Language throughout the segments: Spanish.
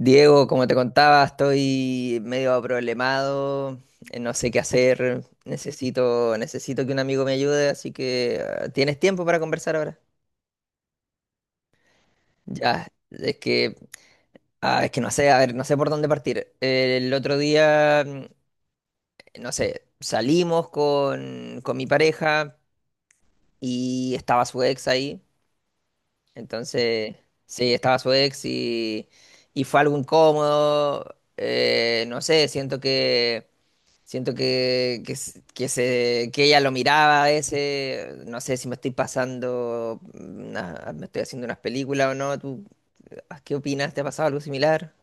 Diego, como te contaba, estoy medio problemado, no sé qué hacer, necesito que un amigo me ayude, así que ¿tienes tiempo para conversar ahora? Ya, es que no sé, a ver, no sé por dónde partir. El otro día, no sé, salimos con mi pareja y estaba su ex ahí, entonces, sí, estaba su ex y fue algo incómodo, no sé, siento que Siento que, s- que se, que ella lo miraba a veces, no sé si me estoy pasando, me estoy haciendo unas películas o no, ¿tú qué opinas? ¿Te ha pasado algo similar?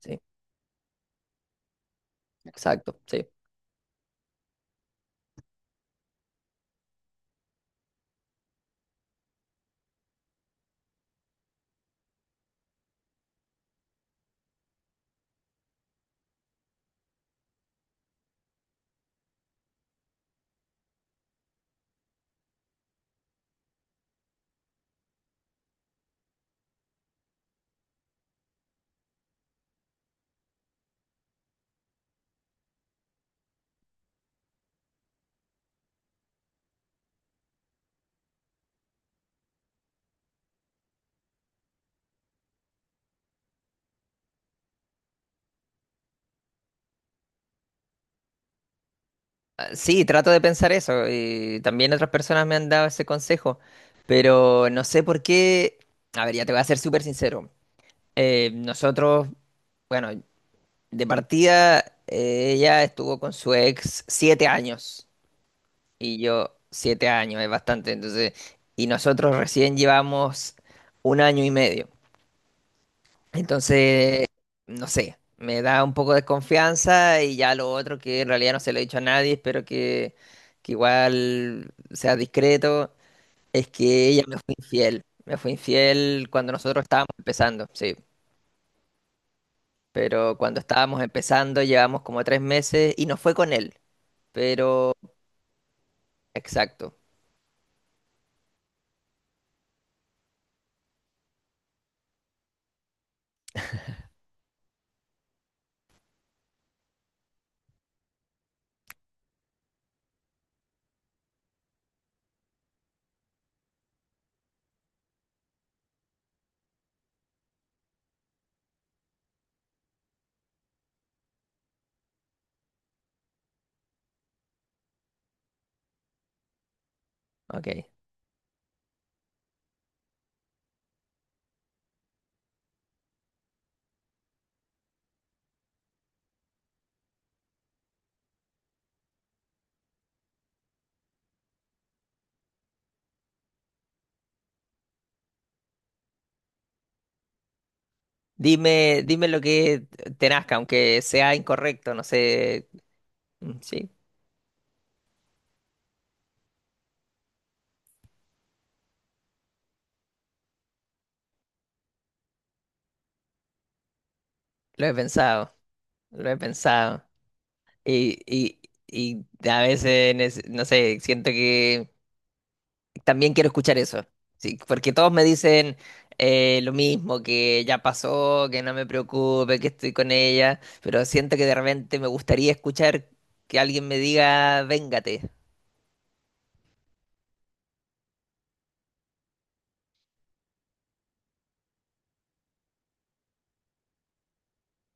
Sí, exacto, sí. Sí, trato de pensar eso y también otras personas me han dado ese consejo, pero no sé por qué, a ver, ya te voy a ser súper sincero. Nosotros, bueno, de partida, ella estuvo con su ex 7 años. Y yo 7 años, es bastante. Entonces, y nosotros recién llevamos 1 año y medio. Entonces, no sé, me da un poco de confianza. Y ya lo otro, que en realidad no se lo he dicho a nadie, espero que igual sea discreto, es que ella me fue infiel. Me fue infiel cuando nosotros estábamos empezando, sí. Pero cuando estábamos empezando, llevamos como 3 meses y no fue con él. Pero, exacto, ok. Dime, dime lo que te nazca, aunque sea incorrecto, no sé. Sí, lo he pensado, lo he pensado. Y, y, y a veces, no sé, siento que también quiero escuchar eso. Sí, porque todos me dicen lo mismo, que ya pasó, que no me preocupe, que estoy con ella, pero siento que de repente me gustaría escuchar que alguien me diga, véngate.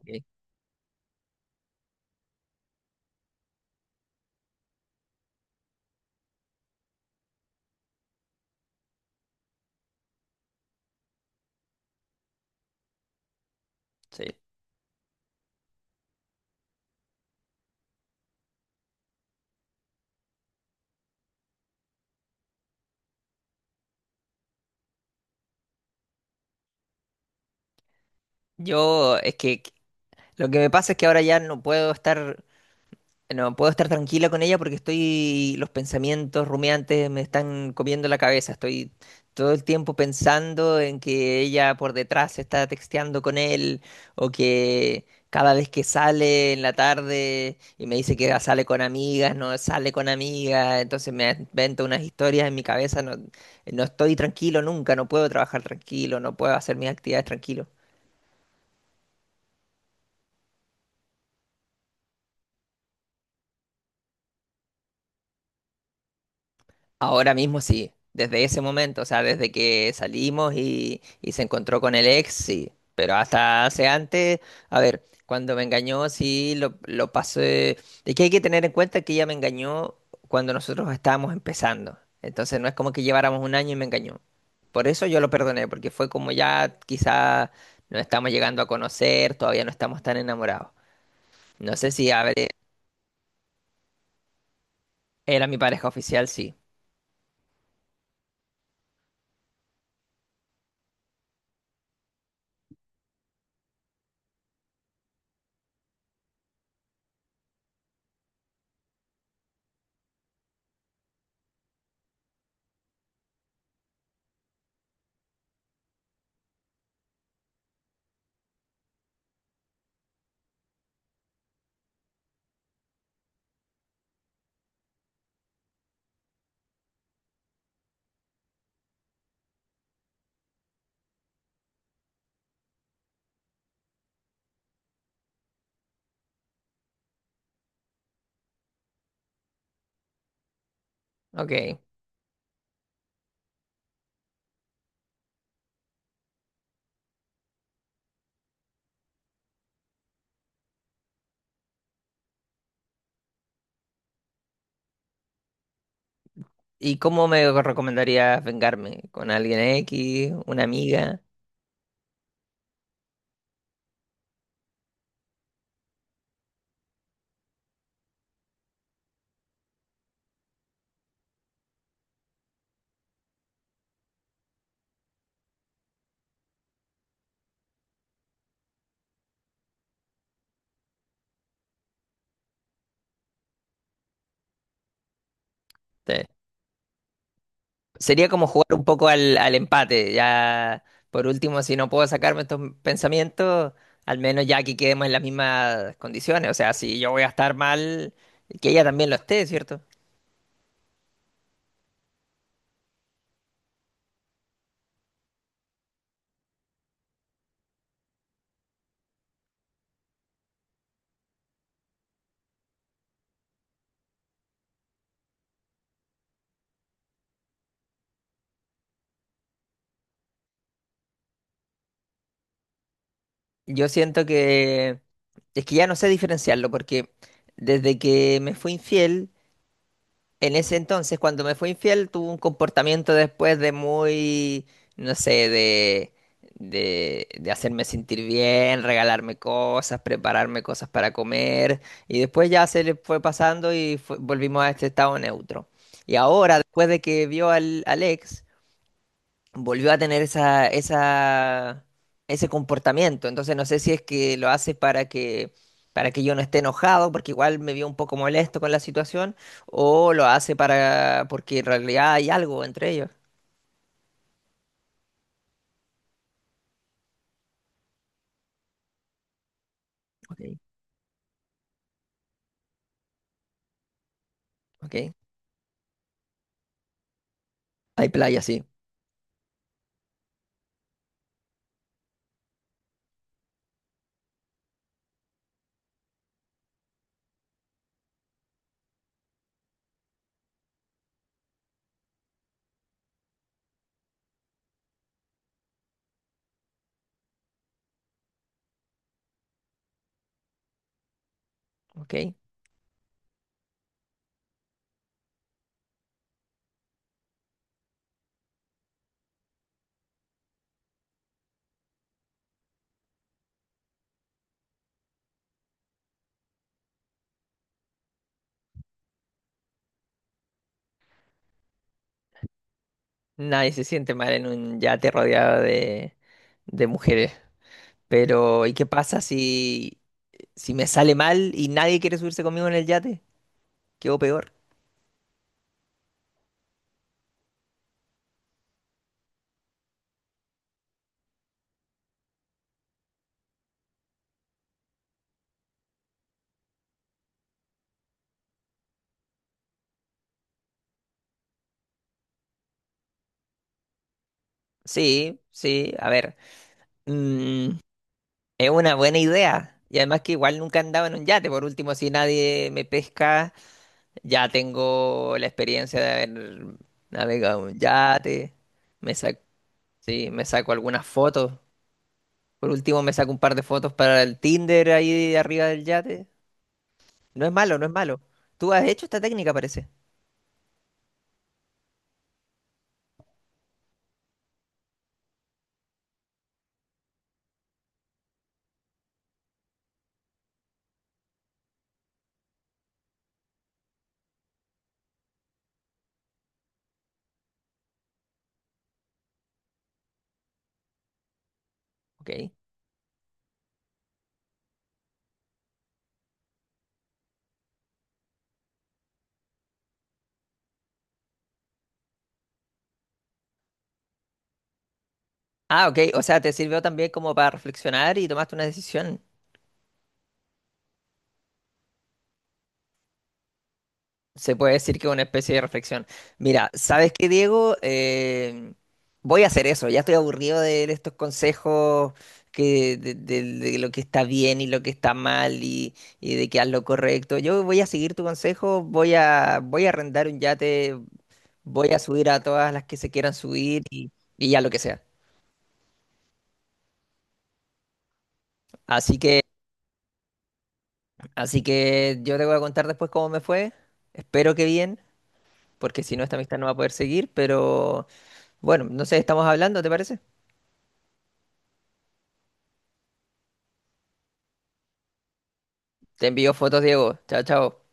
Sí. Sí. Yo, es que lo que me pasa es que ahora ya no puedo estar. No puedo estar tranquila con ella porque estoy, los pensamientos rumiantes me están comiendo la cabeza. Estoy todo el tiempo pensando en que ella por detrás está texteando con él, o que cada vez que sale en la tarde y me dice que sale con amigas, no sale con amigas, entonces me invento unas historias en mi cabeza. No, no estoy tranquilo nunca, no puedo trabajar tranquilo, no puedo hacer mis actividades tranquilo. Ahora mismo sí, desde ese momento, o sea, desde que salimos y se encontró con el ex, sí, pero hasta hace antes, a ver, cuando me engañó, sí, lo pasé, es que hay que tener en cuenta que ella me engañó cuando nosotros estábamos empezando, entonces no es como que lleváramos 1 año y me engañó, por eso yo lo perdoné, porque fue como ya quizá nos estamos llegando a conocer, todavía no estamos tan enamorados, no sé si, a ver, era mi pareja oficial, sí, ok. ¿Y cómo me recomendarías vengarme? ¿Con alguien X? ¿Una amiga? Te- Sería como jugar un poco al, al empate. Ya, por último, si no puedo sacarme estos pensamientos, al menos ya que quedemos en las mismas condiciones. O sea, si yo voy a estar mal, que ella también lo esté, ¿cierto? Yo siento que es que ya no sé diferenciarlo porque desde que me fue infiel. En ese entonces, cuando me fue infiel, tuvo un comportamiento después de muy, no sé, de, de hacerme sentir bien, regalarme cosas, prepararme cosas para comer, y después ya se le fue pasando y volvimos a este estado neutro. Y ahora, después de que vio al, al ex, volvió a tener esa, esa, ese comportamiento. Entonces no sé si es que lo hace para que yo no esté enojado, porque igual me vio un poco molesto con la situación, o lo hace para, porque en realidad hay algo entre ellos. Ok, ok. Hay playa, sí. Ok. Nadie se siente mal en un yate rodeado de mujeres. Pero, ¿y qué pasa si, si me sale mal y nadie quiere subirse conmigo en el yate? Quedo peor. Sí, sí, a ver. mm, Es una buena idea. Y además que igual nunca andaba en un yate. Por último, si nadie me pesca, ya tengo la experiencia de haber navegado en un yate. Me saco, sí, me saco algunas fotos. Por último, me saco un par de fotos para el Tinder ahí de arriba del yate. No es malo, no es malo. Tú has hecho esta técnica, parece. Ok. Ah, ok. O sea, te sirvió también como para reflexionar y tomaste una decisión. Se puede decir que es una especie de reflexión. Mira, ¿sabes qué, Diego? Voy a hacer eso. Ya estoy aburrido de estos consejos que, de lo que está bien y lo que está mal, y de que haz lo correcto. Yo voy a seguir tu consejo, voy a arrendar un yate, voy a subir a todas las que se quieran subir y ya lo que sea. Así que, así que yo te voy a contar después cómo me fue. Espero que bien, porque si no, esta amistad no va a poder seguir. Pero bueno, no sé, estamos hablando, ¿te parece? Te envío fotos, Diego. Chao, chao.